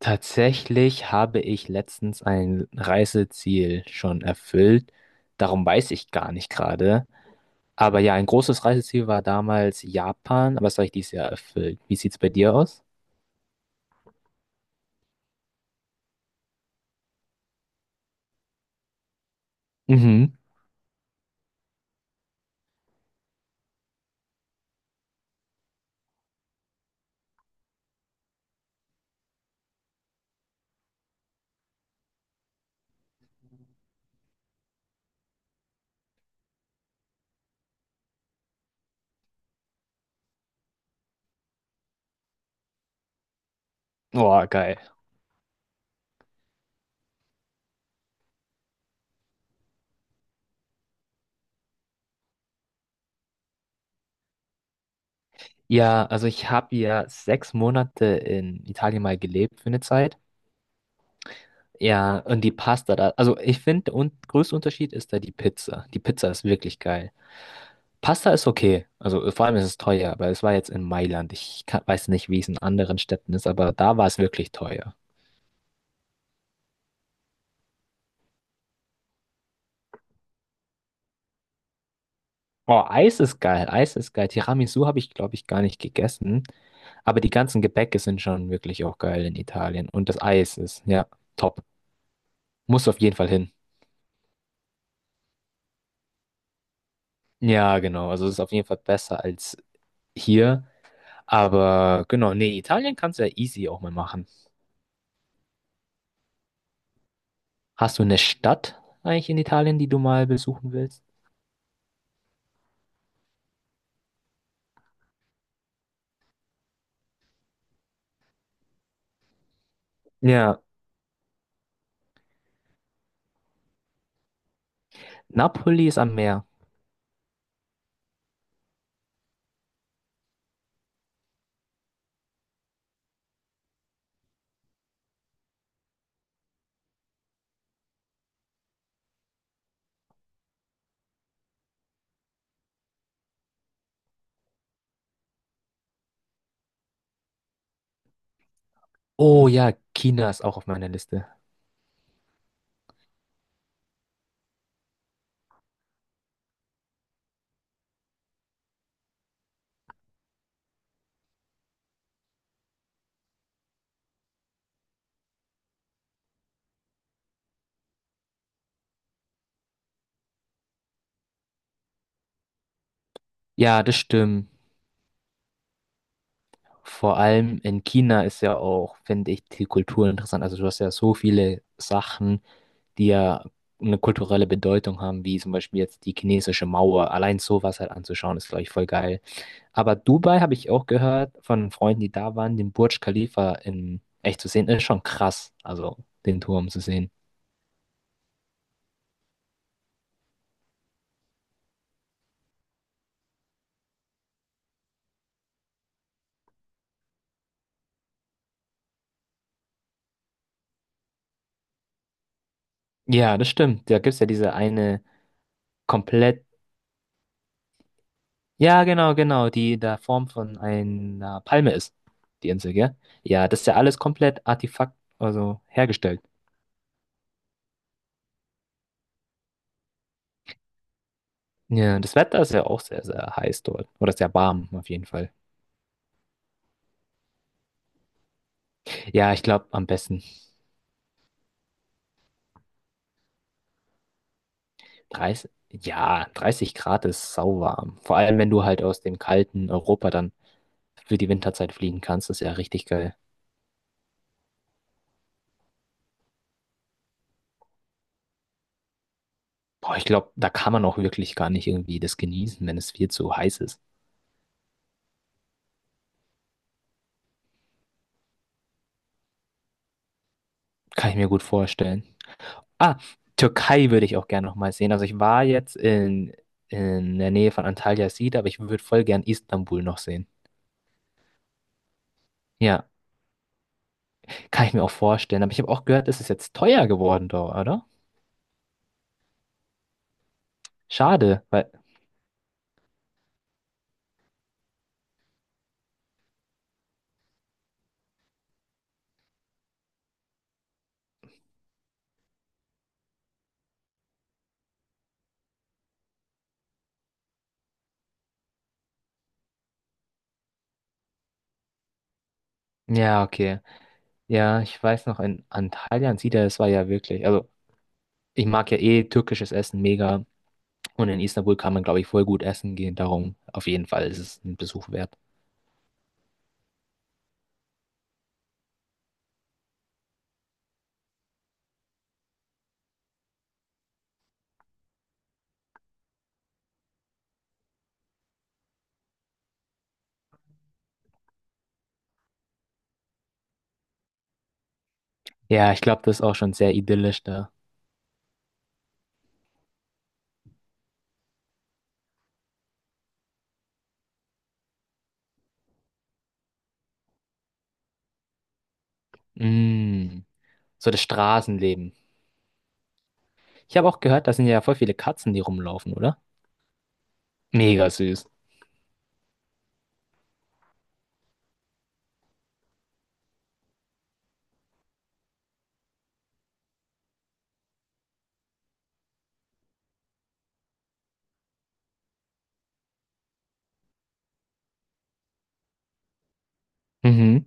Tatsächlich habe ich letztens ein Reiseziel schon erfüllt. Darum weiß ich gar nicht gerade. Aber ja, ein großes Reiseziel war damals Japan, aber das habe ich dieses Jahr erfüllt. Wie sieht's bei dir aus? Mhm. Boah, geil. Ja, also ich habe ja 6 Monate in Italien mal gelebt für eine Zeit. Ja, und die Pasta da. Also ich finde, der un größte Unterschied ist da die Pizza. Die Pizza ist wirklich geil. Pasta ist okay. Also vor allem ist es teuer, aber es war jetzt in Mailand. Ich kann, weiß nicht, wie es in anderen Städten ist, aber da war es wirklich teuer. Oh, Eis ist geil. Eis ist geil. Tiramisu habe ich, glaube ich, gar nicht gegessen. Aber die ganzen Gebäcke sind schon wirklich auch geil in Italien. Und das Eis ist, ja, top. Muss auf jeden Fall hin. Ja, genau. Also es ist auf jeden Fall besser als hier. Aber genau, nee, Italien kannst du ja easy auch mal machen. Hast du eine Stadt eigentlich in Italien, die du mal besuchen willst? Ja. Napoli ist am Meer. Oh ja, China ist auch auf meiner Liste. Ja, das stimmt. Vor allem in China ist ja auch, finde ich, die Kultur interessant. Also du hast ja so viele Sachen, die ja eine kulturelle Bedeutung haben, wie zum Beispiel jetzt die chinesische Mauer. Allein sowas halt anzuschauen, ist, glaube ich, voll geil. Aber Dubai habe ich auch gehört von Freunden, die da waren, den Burj Khalifa in echt zu sehen, ist schon krass. Also den Turm zu sehen. Ja, das stimmt. Da gibt es ja diese eine komplett. Ja, genau, genau, die in der Form von einer Palme ist, die Insel, gell? Ja, das ist ja alles komplett Artefakt, also hergestellt. Ja, das Wetter ist ja auch sehr, sehr heiß dort. Oder sehr warm, auf jeden Fall. Ja, ich glaube, am besten 30, ja, 30 Grad ist sauwarm. Vor allem, wenn du halt aus dem kalten Europa dann für die Winterzeit fliegen kannst, ist ja richtig geil. Boah, ich glaube, da kann man auch wirklich gar nicht irgendwie das genießen, wenn es viel zu heiß ist. Kann ich mir gut vorstellen. Ah, Türkei würde ich auch gerne nochmal sehen. Also ich war jetzt in der Nähe von Antalya Sida, aber ich würde voll gern Istanbul noch sehen. Ja, kann ich mir auch vorstellen. Aber ich habe auch gehört, es ist jetzt teuer geworden dort, oder? Schade, weil. Ja, okay. Ja, ich weiß noch, in Antalya und Sida, das war ja wirklich. Also, ich mag ja eh türkisches Essen mega. Und in Istanbul kann man, glaube ich, voll gut essen gehen. Darum, auf jeden Fall ist es ein Besuch wert. Ja, ich glaube, das ist auch schon sehr idyllisch da. Mm, so das Straßenleben. Ich habe auch gehört, da sind ja voll viele Katzen, die rumlaufen, oder? Mega süß. Mhm.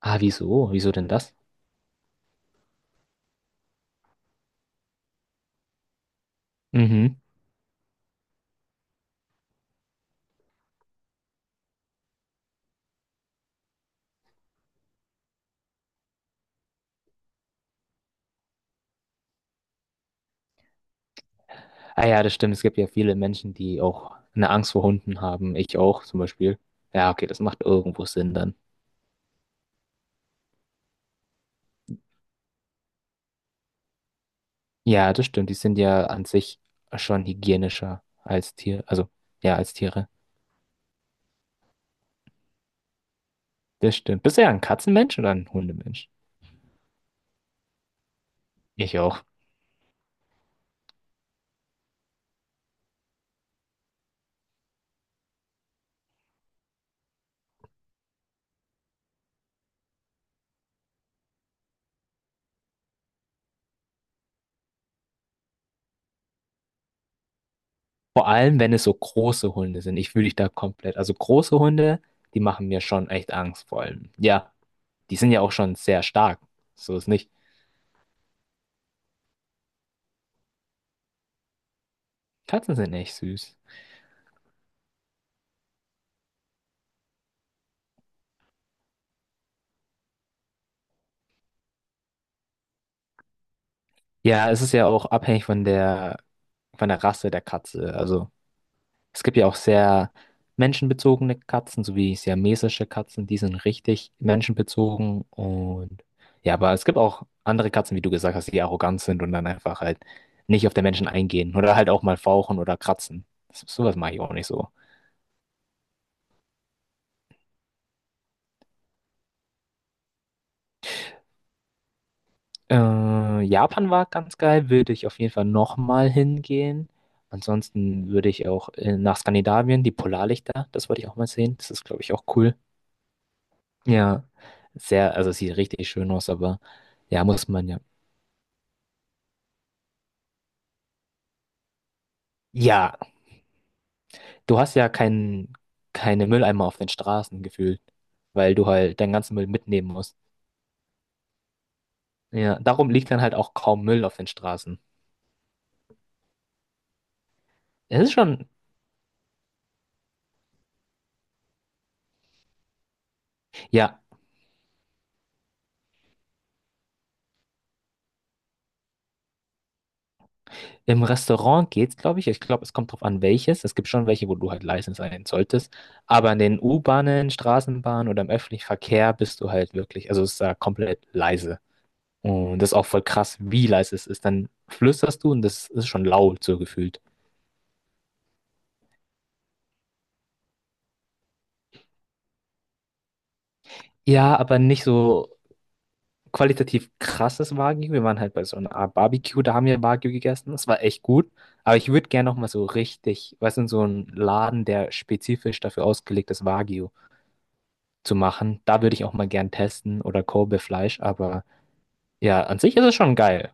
Ah, wieso? Wieso denn das? Mhm. Ah ja, das stimmt. Es gibt ja viele Menschen, die auch eine Angst vor Hunden haben. Ich auch zum Beispiel. Ja, okay, das macht irgendwo Sinn dann. Ja, das stimmt. Die sind ja an sich schon hygienischer als Tier, also ja, als Tiere. Das stimmt. Bist du ja ein Katzenmensch oder ein Hundemensch? Ich auch. Vor allem, wenn es so große Hunde sind. Ich fühle dich da komplett. Also große Hunde, die machen mir schon echt Angst, vor allem. Ja. Die sind ja auch schon sehr stark. So ist nicht. Katzen sind echt süß. Ja, es ist ja auch abhängig von der Rasse der Katze. Also es gibt ja auch sehr menschenbezogene Katzen, sowie siamesische Katzen, die sind richtig menschenbezogen. Und ja, aber es gibt auch andere Katzen, wie du gesagt hast, die arrogant sind und dann einfach halt nicht auf den Menschen eingehen oder halt auch mal fauchen oder kratzen. Das- Sowas mache ich auch nicht so. Japan war ganz geil, würde ich auf jeden Fall nochmal hingehen. Ansonsten würde ich auch nach Skandinavien, die Polarlichter, das wollte ich auch mal sehen. Das ist, glaube ich, auch cool. Ja, sehr, also sieht richtig schön aus, aber ja, muss man ja. Ja, du hast ja kein, keine Mülleimer auf den Straßen gefühlt, weil du halt deinen ganzen Müll mitnehmen musst. Ja, darum liegt dann halt auch kaum Müll auf den Straßen. Es ist schon, ja. Im Restaurant geht's, glaube ich. Ich glaube, es kommt drauf an, welches. Es gibt schon welche, wo du halt leise sein solltest. Aber in den U-Bahnen, Straßenbahnen oder im öffentlichen Verkehr bist du halt wirklich, also es ist da komplett leise. Und das ist auch voll krass, wie leise es ist. Dann flüsterst du und das ist schon laut so gefühlt. Ja, aber nicht so qualitativ krasses Wagyu. Wir waren halt bei so einer Art Barbecue, da haben wir Wagyu gegessen. Das war echt gut. Aber ich würde gerne nochmal so richtig, weißt du, in so einen Laden, der spezifisch dafür ausgelegt ist, Wagyu zu machen. Da würde ich auch mal gern testen oder Kobe-Fleisch, aber ja, an sich ist es schon geil.